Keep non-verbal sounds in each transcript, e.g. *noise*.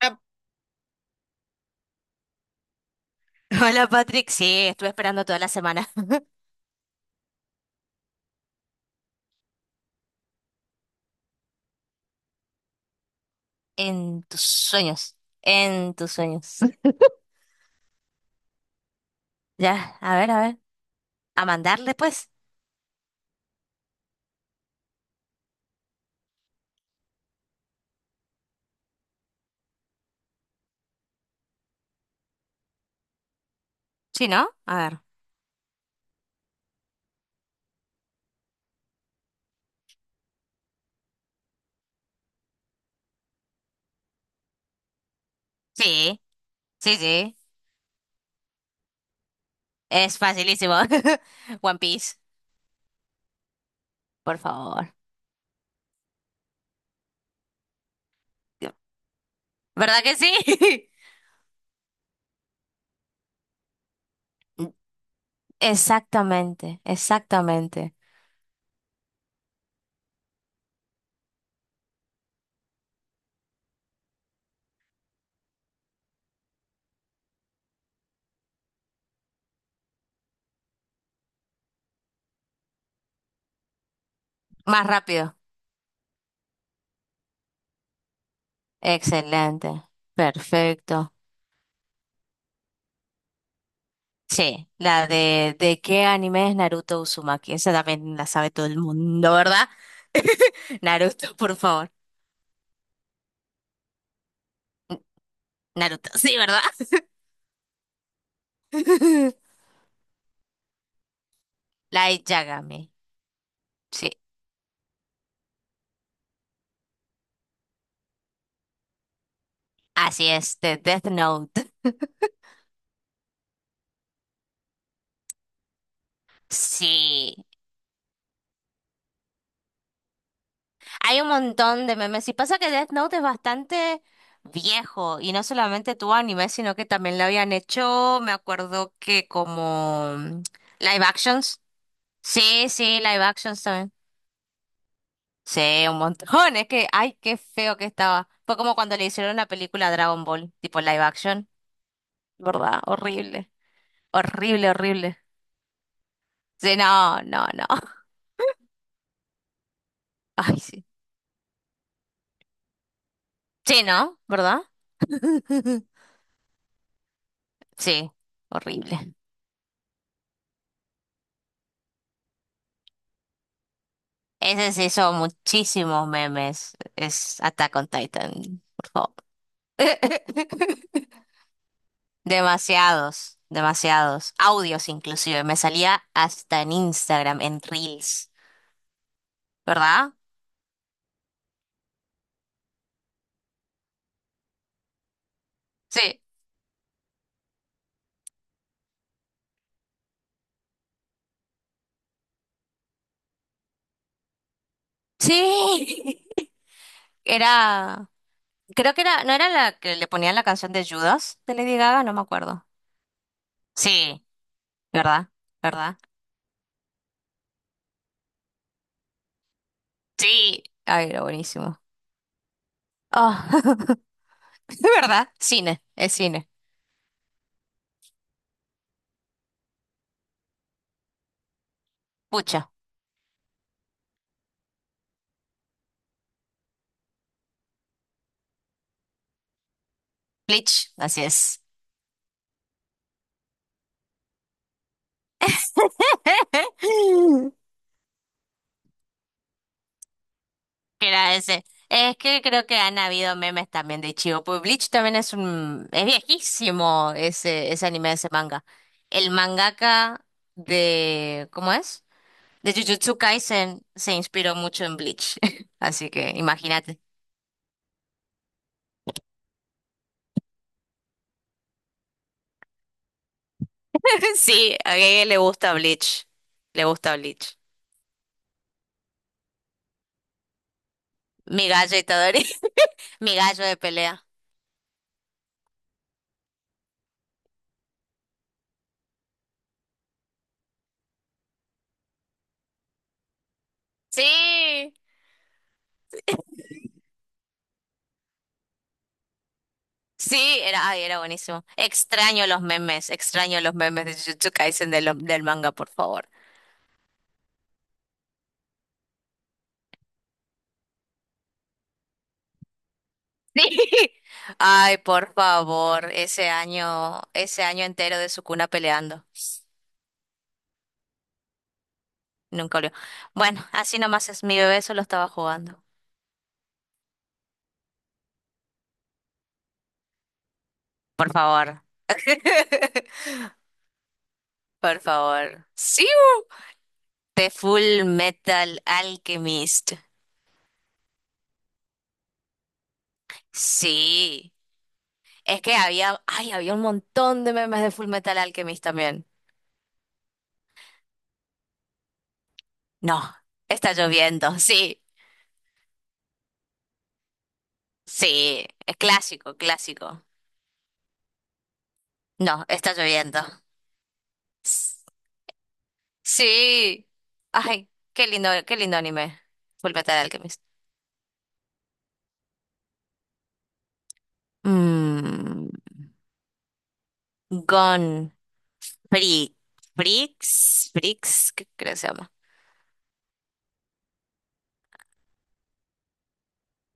Ah, Hola Patrick, sí, estuve esperando toda la semana. *laughs* En tus sueños, en tus sueños. *laughs* Ya, a ver, a ver. A mandarle pues. Sí, ¿no? A ver. Sí, sí, sí. Es facilísimo. *laughs* One Piece, por favor. ¿Verdad que sí? *laughs* Exactamente, exactamente. Más rápido. Excelente. Perfecto. Sí, la de qué anime es Naruto Uzumaki. Esa también la sabe todo el mundo, ¿verdad? *laughs* Naruto, por favor. Naruto, sí, ¿verdad? *laughs* Light Yagami. Sí, así es, de Death Note. Sí, hay un montón de memes. Y pasa que Death Note es bastante viejo y no solamente tuvo anime, sino que también lo habían hecho, me acuerdo que live actions. Sí, sí, live actions también. Sí, un montón. *laughs* Es que, ay, qué feo que estaba. Fue como cuando le hicieron la película Dragon Ball, tipo live action, ¿verdad? Horrible. Horrible, horrible. Sí, no, no, no. *laughs* Ay, sí. Sí, ¿no? ¿Verdad? *laughs* Sí, horrible. Ese se hizo muchísimos memes. Es Attack on Titan, por favor. *laughs* Demasiados, demasiados. Audios inclusive. Me salía hasta en Instagram, en Reels, ¿verdad? Sí. Sí. *laughs* Era, creo que era, no era la que le ponían la canción de Judas de Lady Gaga, no me acuerdo. Sí, ¿verdad? ¿Verdad? Sí. Ay, era buenísimo. Oh, *laughs* ¿verdad? Cine, es cine. Pucha, Bleach, así es. *laughs* Que era ese. Es que creo que han habido memes también de Ichigo. Pues Bleach también es un, es viejísimo ese, ese anime, ese manga. El mangaka de, ¿cómo es? De Jujutsu Kaisen se inspiró mucho en Bleach, *laughs* así que imagínate. *laughs* Sí, a Gege le gusta Bleach. Le gusta Bleach. Mi gallo Itadori, *laughs* mi gallo de pelea. Sí, sí, era, ay, era buenísimo. Extraño los memes de Jujutsu Kaisen de del manga, por favor. *laughs* Sí. Ay, por favor, ese año entero de su cuna peleando. Nunca olvidó. Bueno, así nomás es mi bebé, solo estaba jugando. Por favor. *laughs* Por favor. Sí. The Full Metal Alchemist. Sí. Es que había, ay, había un montón de memes de Full Metal Alchemist también. No, está lloviendo. *laughs* Sí, sí. Es clásico, clásico. No, está lloviendo. S- Sí. Ay, qué lindo anime. Full Metal Alchemist. Mmm. Gone Freak. Freaks, Freaks, ¿qué creo que se llama?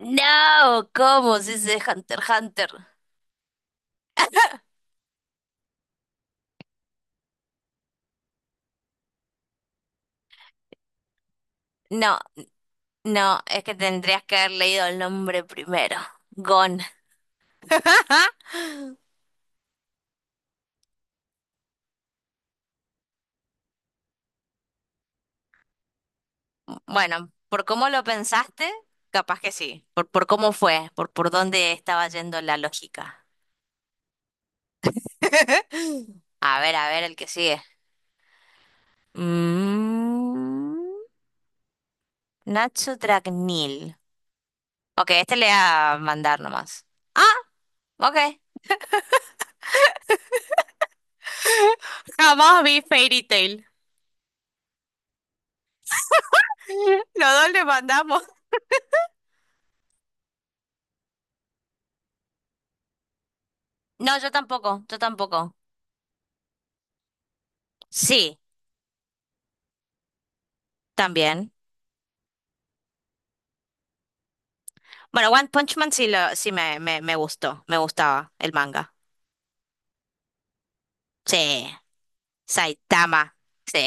No, ¿cómo se dice Hunter x Hunter? No, no, es que tendrías que haber leído el nombre primero. Gon. Ajá. Bueno, por cómo lo pensaste, capaz que sí. Por cómo fue, por dónde estaba yendo la lógica. *laughs* A ver, el que sigue. Mm, Nacho Dragnil. Ok, este le voy a mandar nomás. Ah, ok. Jamás vi Fairy Tail. *laughs* Los dos le mandamos. No, yo tampoco, yo tampoco. Sí, también. Bueno, One Punch Man sí, lo, sí me gustó, me gustaba el manga. Sí, Saitama. Sí.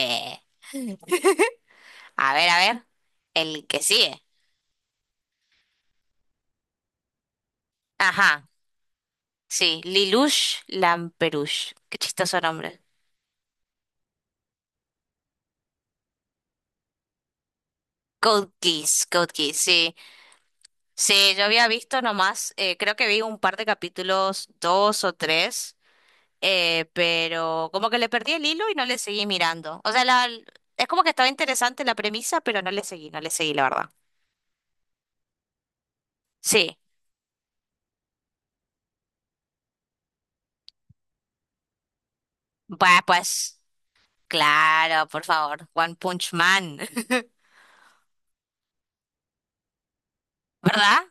A ver, el que sigue. Ajá, sí, Lelouch Lamperouche. Qué chistoso nombre. Code Geass, Code Geass, sí. Sí, yo había visto nomás, creo que vi un par de capítulos, dos o tres, pero como que le perdí el hilo y no le seguí mirando. O sea, la, es como que estaba interesante la premisa, pero no le seguí, no le seguí, la verdad. Sí, va, pues, claro, por favor, One Punch Man, *laughs* ¿verdad?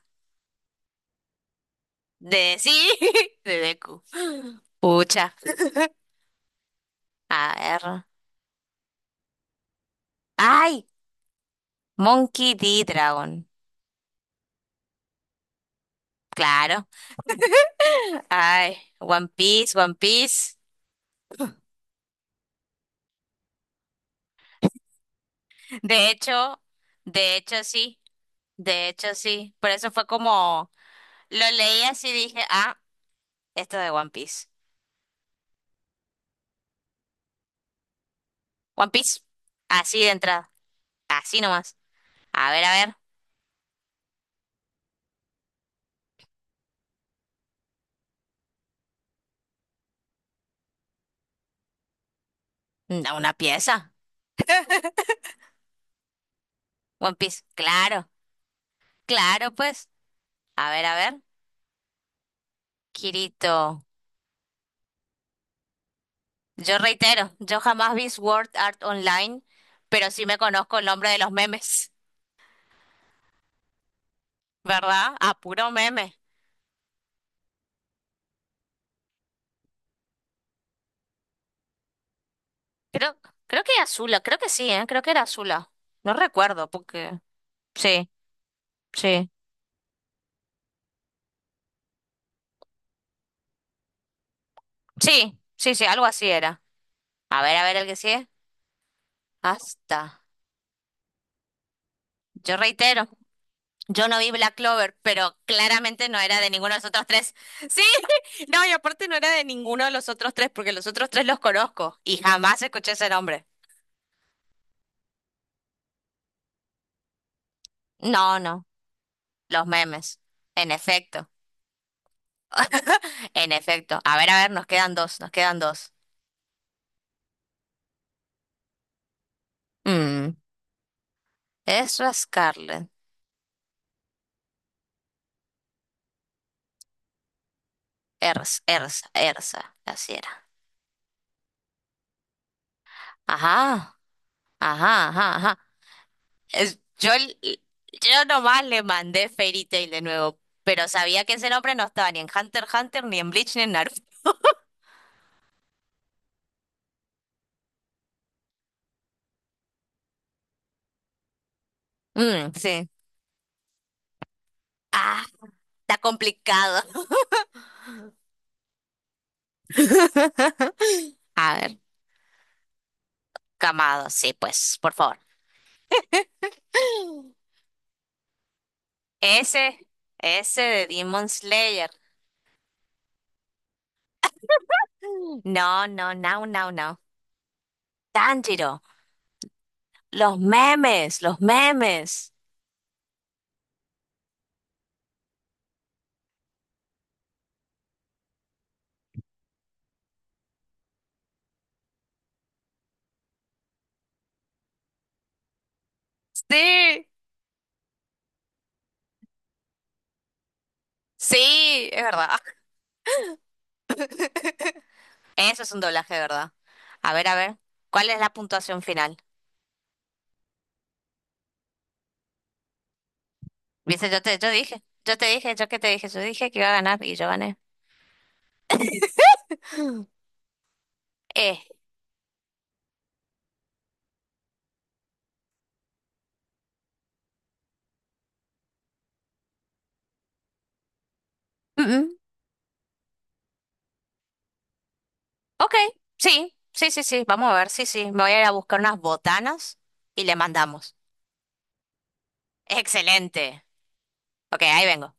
De sí, *laughs* de Deku. Pucha, a ver. ¡Ay! Monkey D. Dragon, claro. ¡Ay! One Piece, One Piece. De hecho, de hecho sí, de hecho sí. Por eso fue como, lo leí así y dije, ah, esto de One Piece. One Piece, así de entrada, así nomás. A ver, da una pieza. *laughs* One Piece, claro. Claro, pues. A ver, a ver. Kirito. Yo reitero, yo jamás vi Sword Art Online, pero sí me conozco el nombre de los memes, ¿verdad? A puro meme. Creo, creo que era Azula, creo que sí, ¿eh? Creo que era Azula. No recuerdo, porque... Sí, sí. Sí, sí, sí, algo así era. A ver el que sigue. Hasta. Yo reitero. Yo no vi Black Clover, pero claramente no era de ninguno de los otros tres. *laughs* Sí, no, y aparte no era de ninguno de los otros tres, porque los otros tres los conozco y jamás escuché ese nombre. No, no, los memes. En efecto, *laughs* en efecto. A ver, nos quedan dos, nos quedan dos. Mm, Ezra Scarlett. Ersa, Ersa, Ersa, así era. Ajá, ajá, ajá, ajá. Yo, yo nomás le mandé Fairy Tail de nuevo, pero sabía que ese nombre no estaba ni en Hunter x Hunter, ni en Bleach, ni en Naruto. Mm, sí. Ah, está complicado. *laughs* A ver, Camado, sí, pues, por favor. Ese, ese de Demon Slayer. No, no, no, no, no. Tanjiro, los memes, los memes. Sí, sí, es verdad. Eso es un doblaje, de ¿verdad? A ver, ¿cuál es la puntuación final? Viste, yo te, yo dije, yo te dije, yo que te dije, yo dije que iba a ganar y yo gané. *laughs* Eh, mm, mm, ok, sí, sí, sí, sí, vamos a ver, sí, sí, me voy a ir a buscar unas botanas y le mandamos. Excelente. Ok, ahí vengo.